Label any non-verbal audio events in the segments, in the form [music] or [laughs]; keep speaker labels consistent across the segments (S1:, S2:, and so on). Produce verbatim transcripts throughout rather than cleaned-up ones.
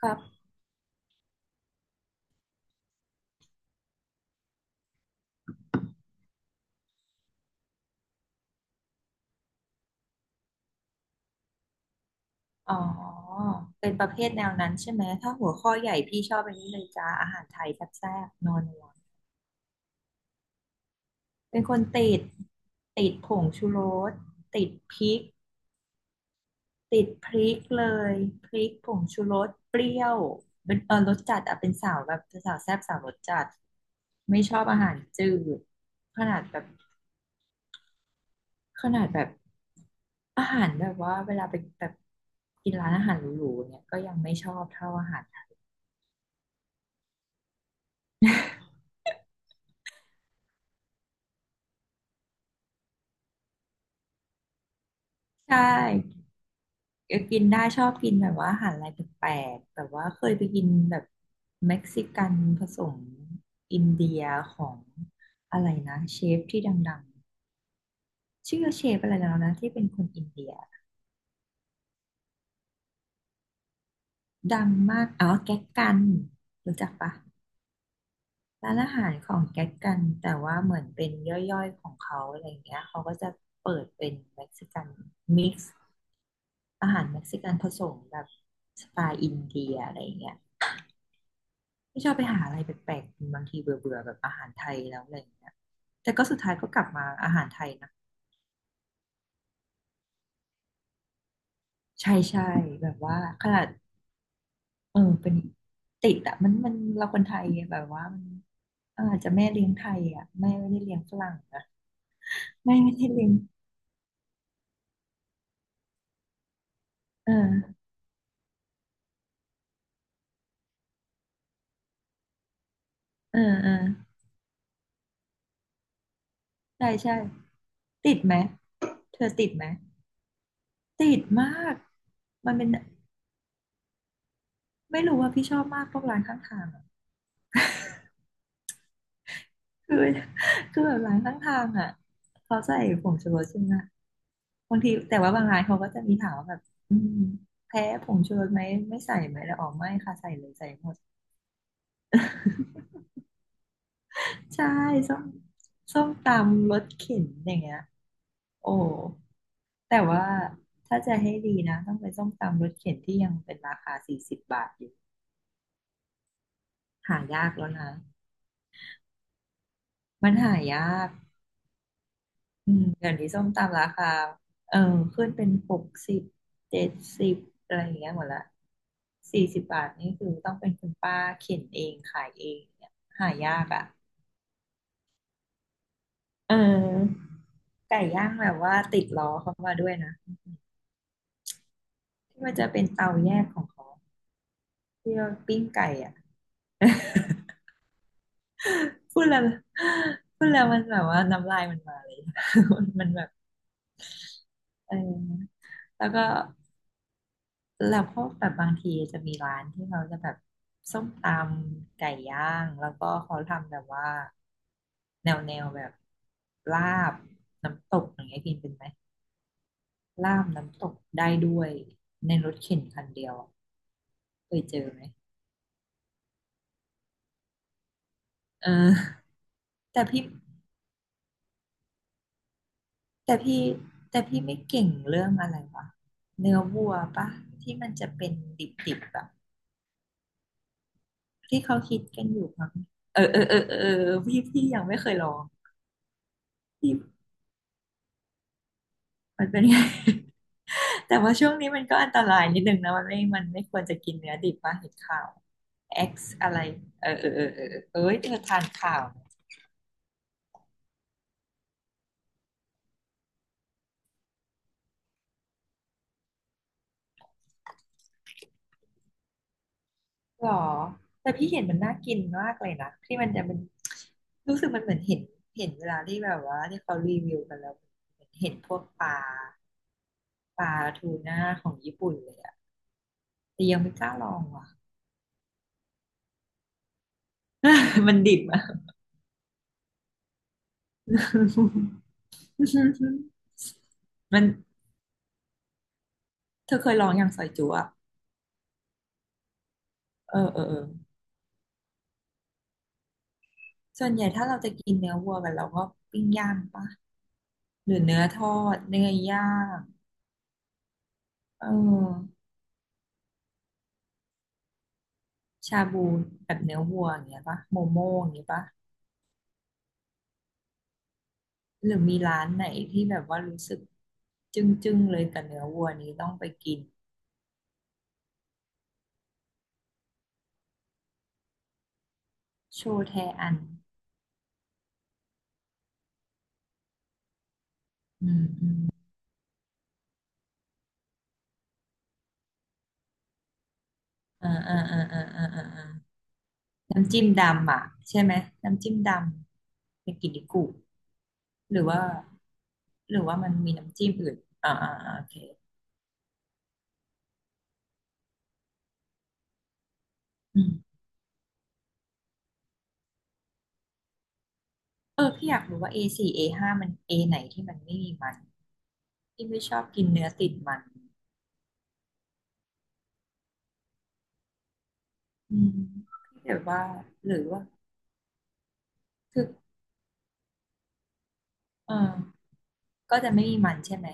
S1: ครับอ๋อเป็นประเภทแนวนั้นใช่ไหม ถ้าหัวข้อใหญ่พี่ชอบอันนี้เลยจ้า อาหารไทยแซ่บๆนัวๆเป็นคนติดติดผงชูรสติดพริกติดพริกเลยพริกผงชูรส เปรี้ยวเป็นเออรสจัดอะเป็นสาวแบบสาวแซ่บสาวรสจัดไม่ชอบอาหารจืดขนาดแบบขนาดแบบอาหารแบบว่าเวลาไปแบบกินร้านอาหารหรูๆเนี่ยก็ยังไม่ชอบเท่าอาหารไทยใช่ กินได้ชอบกินแบบว่าอาหารอะไรแปลกๆแบบว่าเคยไปกินแบบเม็กซิกันผสมอินเดียของอะไรนะเชฟที่ดังๆชื่อเชฟอะไรแล้วนะที่เป็นคนอินเดียดังมากอ๋อแก๊กกันรู้จักปะร้านอาหารของแก๊กกันแต่ว่าเหมือนเป็นย่อยๆของเขาอะไรอย่างเงี้ยเขาก็จะเปิดเป็นเม็กซิกันมิกซ์อาหารเม็กซิกันผสมแบบสไตล์อินเดียอะไรอย่างเงี้ย ที่ชอบไปหาอะไรแปลกๆกินบางทีเบื่อๆแบบอาหารไทยแล้วอะไรอย่างเงี้ยแต่ก็สุดท้ายก็กลับมาอาหารไทยนะใช่ใช่แบบว่าขนาดเออเป็นติดอะมันมันเราคนไทยแบบว่ามันเอออาจจะแม่เลี้ยงไทยอะแม่ไม่ได้เลี้ยงฝรั่งนะแม่ไม่ได้เลี้ยงเออเออเออใช่ใช่ติดไหมเธอติดไหมติดมากมันเป็นไม่รู้ว่าพี่ชอบมากพวกร้านข้างทางอะ คือ [laughs] คือแบบร้านข้างทางอ่ะเขาใส่ผงชูรสใช่ไหมบางทีแต่ว่าบางร้านเขาก็จะมีถามว่าแบบอืมแพ้ผงชูรสไหมไม่ใส่ไหมแล้วอ๋อไม่ค่ะใส่เลยใส่หมดใช่ส้มส้มตำรสเข็นอย่างเงี้ยโอ้แต่ว่าถ้าจะให้ดีนะต้องเป็นส้มตำรสเข็นที่ยังเป็นราคาสี่สิบบาทอยู่หายากแล้วนะมันหายาก อืมเดี๋ยวนี้ส้มตำราคาเออขึ้นเป็นหกสิบเจ็ดสิบอะไรอย่างเงี้ยหมดละสี่สิบบาทนี่คือต้องเป็นคุณป้าเข็นเองขายเองเนี่ยหายากอ่ะเออไก่ย่างแบบว่าติดล้อเขามาด้วยนะที่มันจะเป็นเตาแยกของเขาที่เราปิ้งไก่อ่ะพูดแล้วพูดแล้วมันแบบว่าน้ำลายมันมาเลย [laughs] มันแบบเออแล้วก็ แล้วพวกแบบบางทีจะมีร้านที่เขาจะแบบส้มตำไก่ย่างแล้วก็เขาทำแบบว่าแนวแนวแบบลาบน้ำตกอย่างเงี้ยกินเป็นไหมลาบน้ำตกได้ด้วยในรถเข็นคันเดียวอะเคยเจอไหมเออแต่พี่แต่พี่แต่พี่ไม่เก่งเรื่องอะไรวะเนื้อวัวปะที่มันจะเป็นดิบๆอบบที่เขาคิดกันอยู่มั้งเออเออเออเออเออพี่พี่ยังไม่เคยลองพี่มันเป็นไง แต่ว่าช่วงนี้มันก็อันตรายนิดนึงนะมันไม่มันไม่ควรจะกินเนื้อดิบว่าเห็นข่าว X อะไรเออเออเออเออเออเอ้ยเธอทานข่าวหรอแต่พี่เห็นมันน่ากินมากเลยนะที่มันจะเป็นรู้สึกมันเหมือนเห็นเห็นเวลาที่แบบว่าที่เขารีวิวกันแล้วเหมือนเห็นพวกปลาปลาทูน่าของญี่ปุ่นเลยอะแต่ยังไม่กล้าลองว่ะ [laughs] มันดิบอะ [laughs] มันเธอเคยลองอย่างซอยจุอะเออเออเออ ส่วนใหญ่ถ้าเราจะกินเนื้อวัวกันเราก็ปิ้งย่างปะหรือเนื้อทอดเนื้อย่างเออชาบูแบบเนื้อวัวอย่างเงี้ยปะโมโม่อย่างเงี้ยปะหรือมีร้านไหนที่แบบว่ารู้สึกจึ้งจึงเลยกับเนื้อวัวนี้ต้องไปกินโชแทอันอืมอืมเอ่าอ่าอ่าอ่าอ่าอ่าออน้ำจิ้มดำอ่ะใช่ไหมน้ำจิ้มดำเป็นกินดิกุหรือว่าหรือว่ามันมีน้ำจิ้มอื่นอ่าอ่าอ่าโอเค เออพี่อยากรู้ว่า เอ สี่ เอ ห้า มัน A ไหนที่มันไม่มีมันพี่ไม่ชอบกินเนื้อติดมันอืมพี่แบบว่าหรือว่าคือเออก็จะไม่มีมันใช่ไหม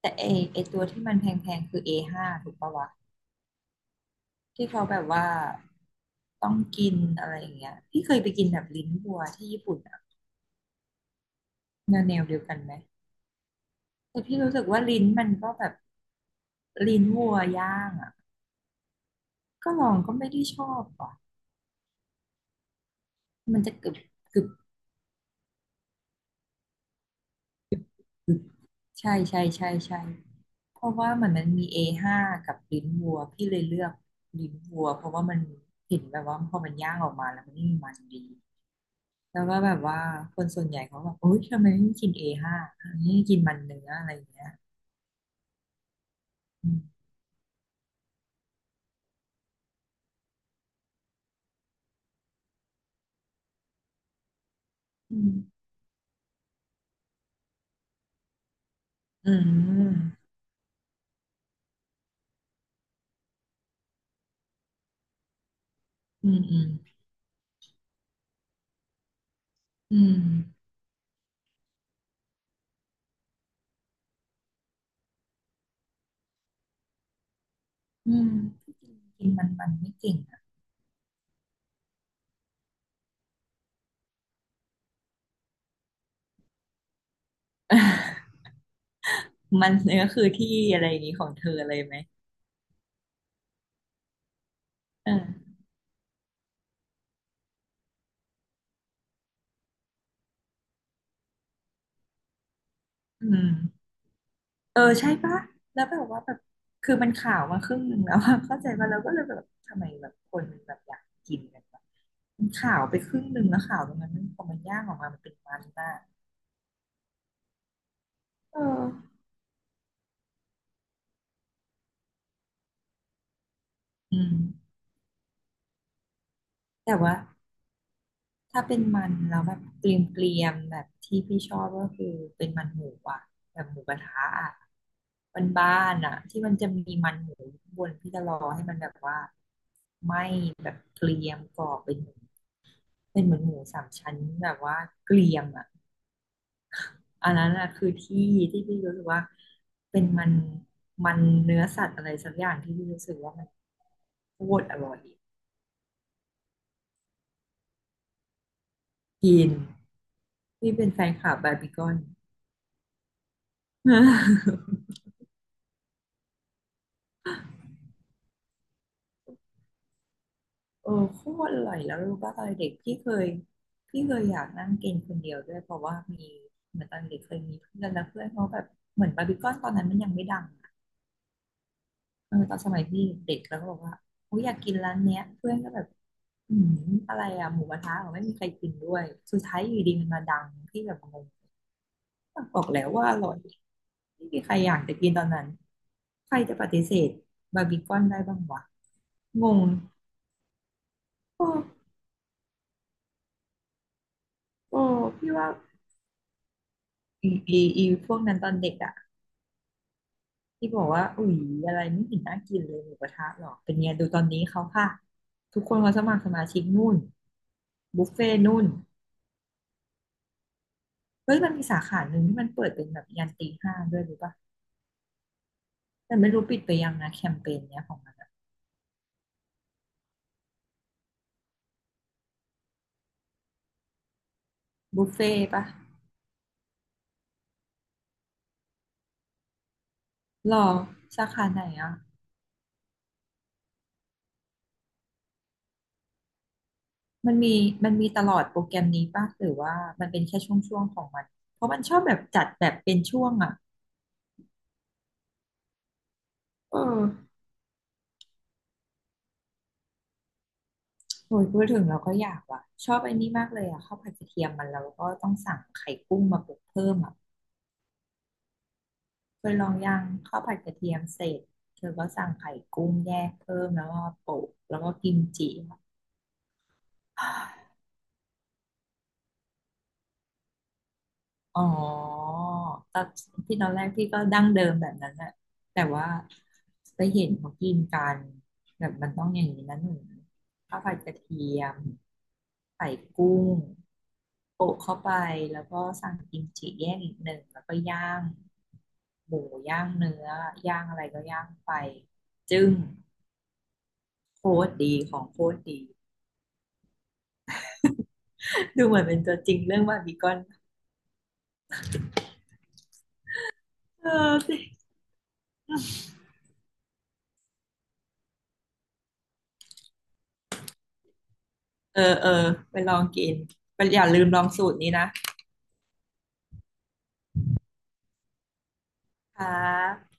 S1: แต่ A ไอตัวที่มันแพงๆคือเอห้ห้าถูกปะวะที่เขาแบบว่าต้องกินอะไรอย่างเงี้ยพี่เคยไปกินแบบลิ้นวัวที่ญี่ปุ่นอะแนวแนวเดียวกันไหมแต่พี่รู้สึกว่าลิ้นมันก็แบบลิ้นวัวย่างอะก็ลองก็ไม่ได้ชอบอ่ะมันจะกรึบกรึบกรึบ ใช่ใช่ใช่ใช่เพราะว่ามันมันมี เอ ไฟฟ์ กับลิ้นวัวพี่เลยเลือกลิ้นวัวเพราะว่ามันเห็นแบบว่าพอมันย่างออกมาแล้วมันนี่มมันดีแล้วก็แบบว่าคนส่วนใหญ่เขาแบบโอ๊ยทำไมไม่กิน เอ ไฟฟ์ ไม่กินมันเนื้ออะไรอย่างเงี้ยอืมอืมอืมอืมอืมอืมอืมพี่กินกินมันมันไม่เก่งอะ [laughs] มันเนื้อคือที่อะไรอย่างงี้ของเธอเลยไหมเอออืม เออใช่ปะแล้วแบบว่าแบบคือมันข่าวมาครึ่งหนึ่งแล้วอะ [laughs] เข้าใจว่าเราก็เลยแบบทำไมแบบคนมันแบบอยากกินกันวะมันข่าวไปครึ่งหนึ่งแล้วข่าวตรงนั้นมันพอมันย่างออกมามันเป็นมันมากเอออืมแต่ว่าถ้าเป็นมันแล้วแบบเกรียมเกรียมแบบที่พี่ชอบก็คือเป็นมันหมูอ่ะแบบหมูกระทะอ่ะบ้านๆอ่ะที่มันจะมีมันหมูอยู่ข้างบนพี่จะรอให้มันแบบว่าไหม้แบบเกรียมกรอบเป็นหมู เป็นเหมือนหมูสามชั้นแบบว่าเกรียมอ่ะอันนั้นอะคือที่ที่พี่รู้สึกว่าเป็นมันมันเนื้อสัตว์อะไรสักอย่างที่พี่รู้สึกว่ามันโคตรอร่อยกินพี่เป็นแฟนคลับบาร์บีคอน [laughs] เออโคตรอร่อยแล้วรู้ป่ะตอนเด็กพี่เคยพี่เคยอยากนั่งกินคนเดียวด้วยเพราะว่ามีเหมือนตอนเด็กเคยมีเพื่อนแล้วเพื่อนเขาแบบเหมือนบาร์บีคอนตอนนั้นมันยังไม่ดัง เออตอนสมัยพี่เด็กแล้วก็บอกว่าโอ้ยอยากกินร้านเนี้ยเพื่อนก็แบบอืมอะไรอะหมูกระทะเหรอไม่มีใครกินด้วยสุดท้ายอยู่ดีมันมาดังที่แบบงงบอกแล้วว่าอร่อยไม่มีใครอยากจะกินตอนนั้นใครจะปฏิเสธบาร์บีคอนได้บ้างวะงงโอ้โอ้พี่ว่าอีอีอีพวกนั้นตอนเด็กอะที่บอกว่าอุ๊ยอะไรไม่เห็นน่ากินเลยหมูกระทะหรอกเป็นไงดูตอนนี้เขาค่ะทุกคนเขาสมัครสมาชิกนู่นบุฟเฟ่นู่น เฮ้ยมันมีสาขาหนึ่งที่มันเปิดเป็นแบบยันตีห้าด้วยรู้ปะแต่ไม่รู้ปิดไปยังนะแคมเปญเนี้ยของมันอะบุฟเฟ่ต์ปะหรอสาขาไหนอะมันมีมันมีตลอดโปรแกรมนี้ปะหรือว่ามันเป็นแค่ช่วงๆของมันเพราะมันชอบแบบจัดแบบเป็นช่วงอะเออโหยพูดถึงเราก็อยากว่ะชอบไอ้นี่มากเลยอะข้าวผัดกระเทียมมันแล้วก็ต้องสั่งไข่กุ้งมาปรุงเพิ่มอะเคยลองยังข้าวผัดกระเทียมเสร็จเธอก็สั่งไข่กุ้งแยกเพิ่มแล้วก็โปะแล้วก็กิมจิอะ อ๋อตอนที่ตอนแรกพี่ก็ดั้งเดิมแบบนั้นแหละแต่ว่าไปเห็นเขากินกันแบบมันต้องอย่างนี้นะหนูข้าวผัดกระเทียมใส่กุ้งโปะเข้าไปแล้วก็สั่งกิมจิแยกอีกหนึ่งแล้วก็ย่างหมูย่างเนื้อย่างอะไรก็ย่างไปจึ้งโคตรดีของโคตรดีดูเหมือนเป็นตัวจริงเรื่องบาร์บีคอนเออสิเออเออไปลองกินไปอย่าลืมลองสูตรนี้นะ ค่ะ